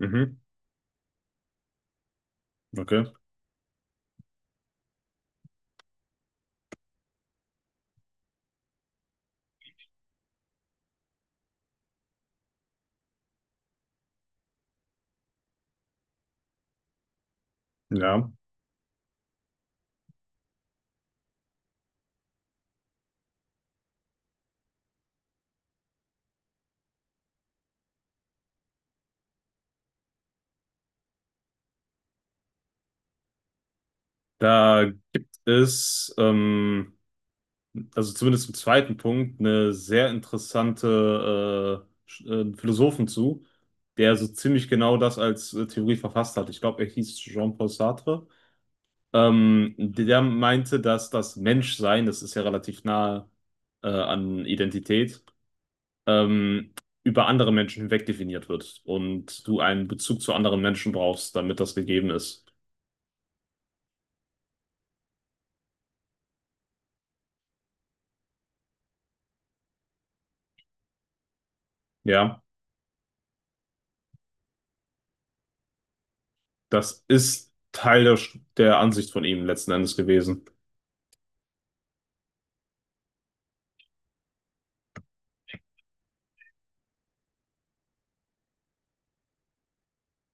Mhm, okay. Ja. Da gibt es, also zumindest im zweiten Punkt, eine sehr interessante Philosophen zu, der so ziemlich genau das als Theorie verfasst hat. Ich glaube, er hieß Jean-Paul Sartre. Der meinte, dass das Menschsein, das ist ja relativ nahe an Identität, ähm, über andere Menschen hinweg definiert wird und du einen Bezug zu anderen Menschen brauchst, damit das gegeben ist. Ja. Das ist Teil der, der Ansicht von ihm letzten Endes gewesen.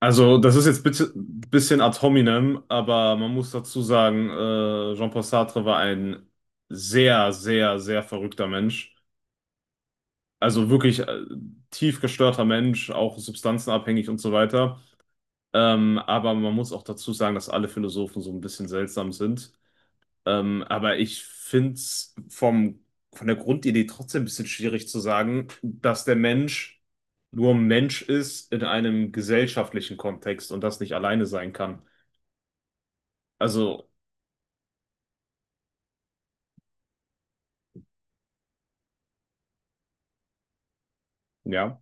Also, das ist jetzt bitte ein bisschen ad hominem, aber man muss dazu sagen, Jean-Paul Sartre war ein sehr, sehr, sehr verrückter Mensch. Also wirklich tief gestörter Mensch, auch substanzenabhängig und so weiter. Aber man muss auch dazu sagen, dass alle Philosophen so ein bisschen seltsam sind. Aber ich finde es von der Grundidee trotzdem ein bisschen schwierig zu sagen, dass der Mensch nur Mensch ist in einem gesellschaftlichen Kontext und das nicht alleine sein kann. Also, ja,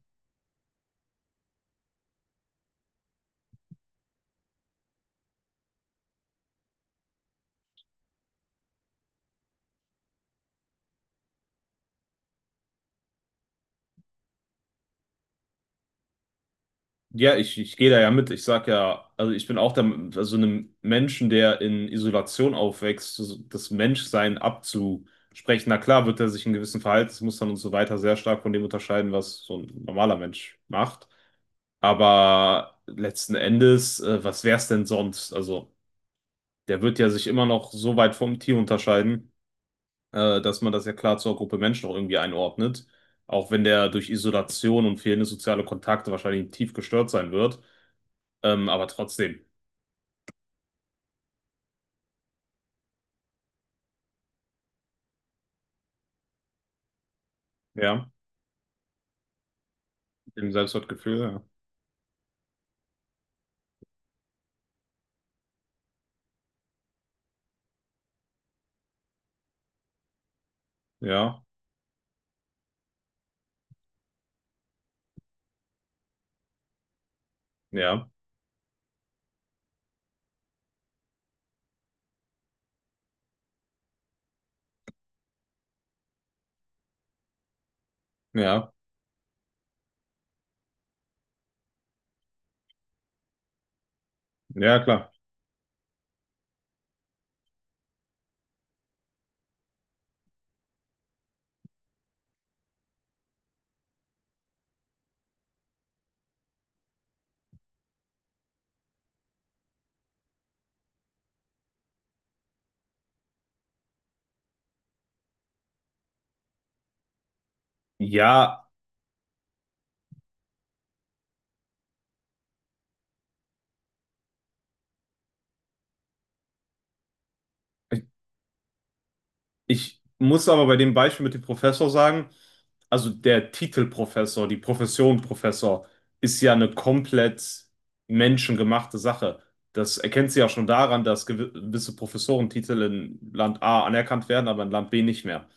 ja, ich gehe da ja mit. Ich sag ja, also ich bin auch der, also einem Menschen, der in Isolation aufwächst, so das Menschsein abzusprechen. Na klar, wird er sich in gewissen Verhaltensmustern und so weiter sehr stark von dem unterscheiden, was so ein normaler Mensch macht. Aber letzten Endes, was wär's denn sonst? Also, der wird ja sich immer noch so weit vom Tier unterscheiden, dass man das ja klar zur Gruppe Mensch noch irgendwie einordnet. Auch wenn der durch Isolation und fehlende soziale Kontakte wahrscheinlich tief gestört sein wird. Aber trotzdem, ja, im Selbstwertgefühl, ja, ja, ja, ja, ja, klar. Ja. Ich muss aber bei dem Beispiel mit dem Professor sagen, also der Titel Professor, die Profession Professor, ist ja eine komplett menschengemachte Sache. Das erkennt sie ja schon daran, dass gewisse Professorentitel in Land A anerkannt werden, aber in Land B nicht mehr.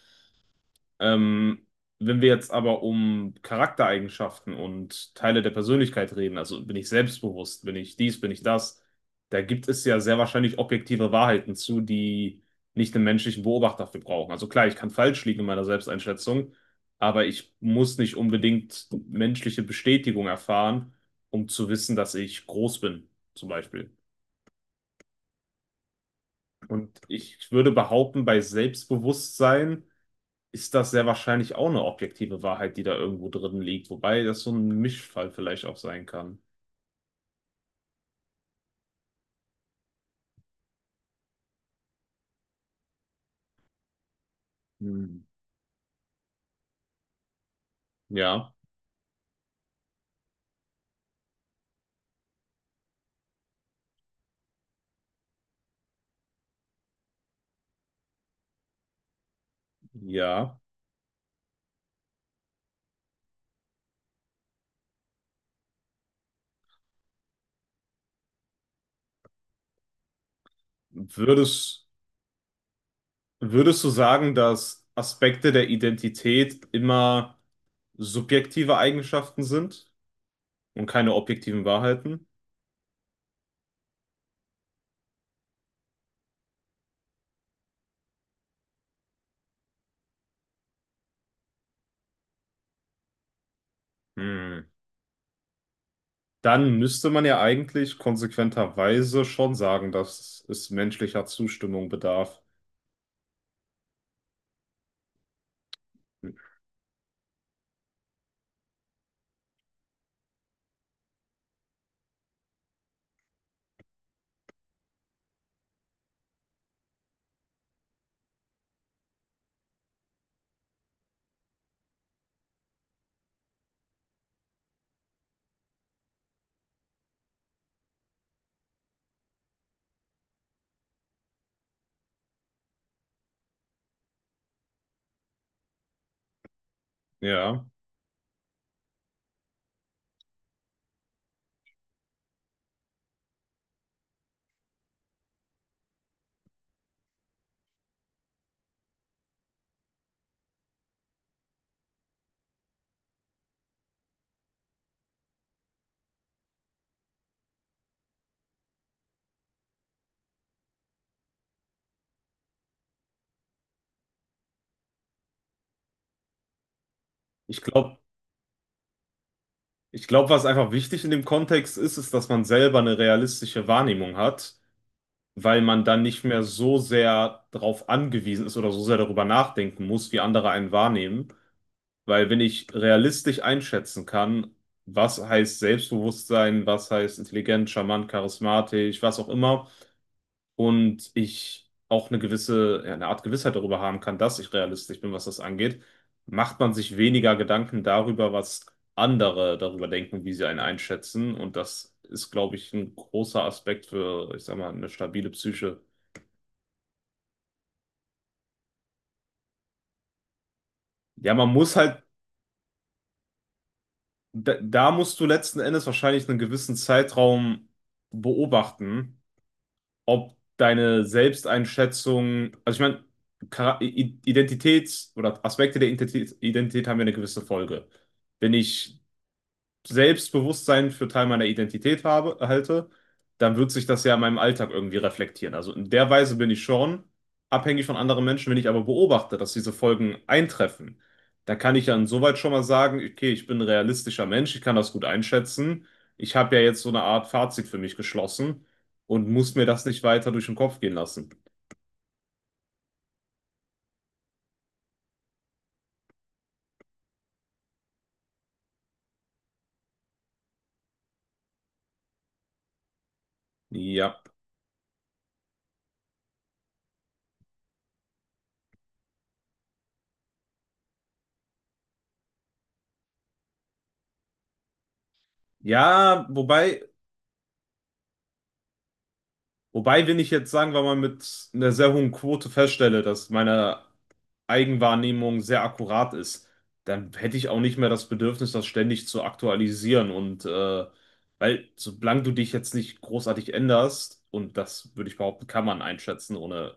Ähm, wenn wir jetzt aber um Charaktereigenschaften und Teile der Persönlichkeit reden, also bin ich selbstbewusst, bin ich dies, bin ich das, da gibt es ja sehr wahrscheinlich objektive Wahrheiten zu, die nicht den menschlichen Beobachter für brauchen. Also klar, ich kann falsch liegen in meiner Selbsteinschätzung, aber ich muss nicht unbedingt menschliche Bestätigung erfahren, um zu wissen, dass ich groß bin, zum Beispiel. Und ich würde behaupten, bei Selbstbewusstsein, ist das sehr wahrscheinlich auch eine objektive Wahrheit, die da irgendwo drin liegt, wobei das so ein Mischfall vielleicht auch sein kann. Hm. Ja, ja. Würdest, würdest du sagen, dass Aspekte der Identität immer subjektive Eigenschaften sind und keine objektiven Wahrheiten? Hm. Dann müsste man ja eigentlich konsequenterweise schon sagen, dass es menschlicher Zustimmung bedarf. Ja, ich glaube, ich glaube, was einfach wichtig in dem Kontext ist, ist, dass man selber eine realistische Wahrnehmung hat, weil man dann nicht mehr so sehr darauf angewiesen ist oder so sehr darüber nachdenken muss, wie andere einen wahrnehmen. Weil wenn ich realistisch einschätzen kann, was heißt Selbstbewusstsein, was heißt intelligent, charmant, charismatisch, was auch immer, und ich auch eine gewisse, ja, eine Art Gewissheit darüber haben kann, dass ich realistisch bin, was das angeht, macht man sich weniger Gedanken darüber, was andere darüber denken, wie sie einen einschätzen. Und das ist, glaube ich, ein großer Aspekt für, ich sag mal, eine stabile Psyche. Ja, man muss halt, da musst du letzten Endes wahrscheinlich einen gewissen Zeitraum beobachten, ob deine Selbsteinschätzung, also ich meine, Identitäts- oder Aspekte der Identität, Identität haben ja eine gewisse Folge. Bin ich Selbstbewusstsein für Teil meiner Identität halte, dann wird sich das ja in meinem Alltag irgendwie reflektieren. Also in der Weise bin ich schon abhängig von anderen Menschen. Wenn ich aber beobachte, dass diese Folgen eintreffen, dann kann ich ja insoweit schon mal sagen, okay, ich bin ein realistischer Mensch, ich kann das gut einschätzen. Ich habe ja jetzt so eine Art Fazit für mich geschlossen und muss mir das nicht weiter durch den Kopf gehen lassen. Ja. Ja, wobei, wenn ich jetzt, sagen wir mal, mit einer sehr hohen Quote feststelle, dass meine Eigenwahrnehmung sehr akkurat ist, dann hätte ich auch nicht mehr das Bedürfnis, das ständig zu aktualisieren. Und weil, solange du dich jetzt nicht großartig änderst, und das würde ich behaupten, kann man einschätzen ohne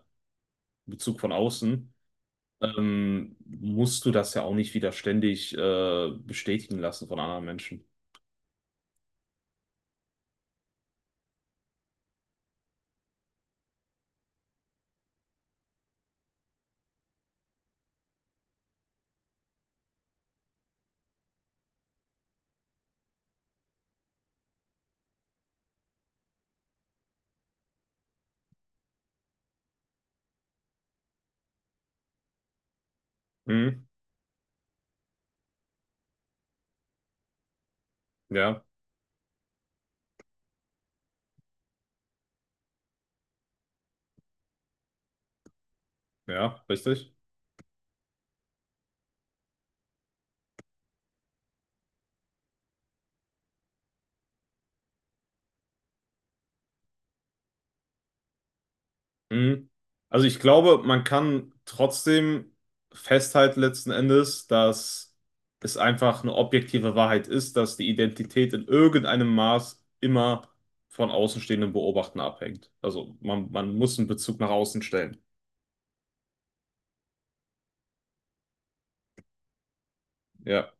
Bezug von außen, musst du das ja auch nicht wieder ständig bestätigen lassen von anderen Menschen. Hm, ja, ja, richtig. Mhm. Also ich glaube, man kann trotzdem festhalten letzten Endes, dass es einfach eine objektive Wahrheit ist, dass die Identität in irgendeinem Maß immer von Außenstehenden beobachten abhängt. Also man muss einen Bezug nach außen stellen. Ja.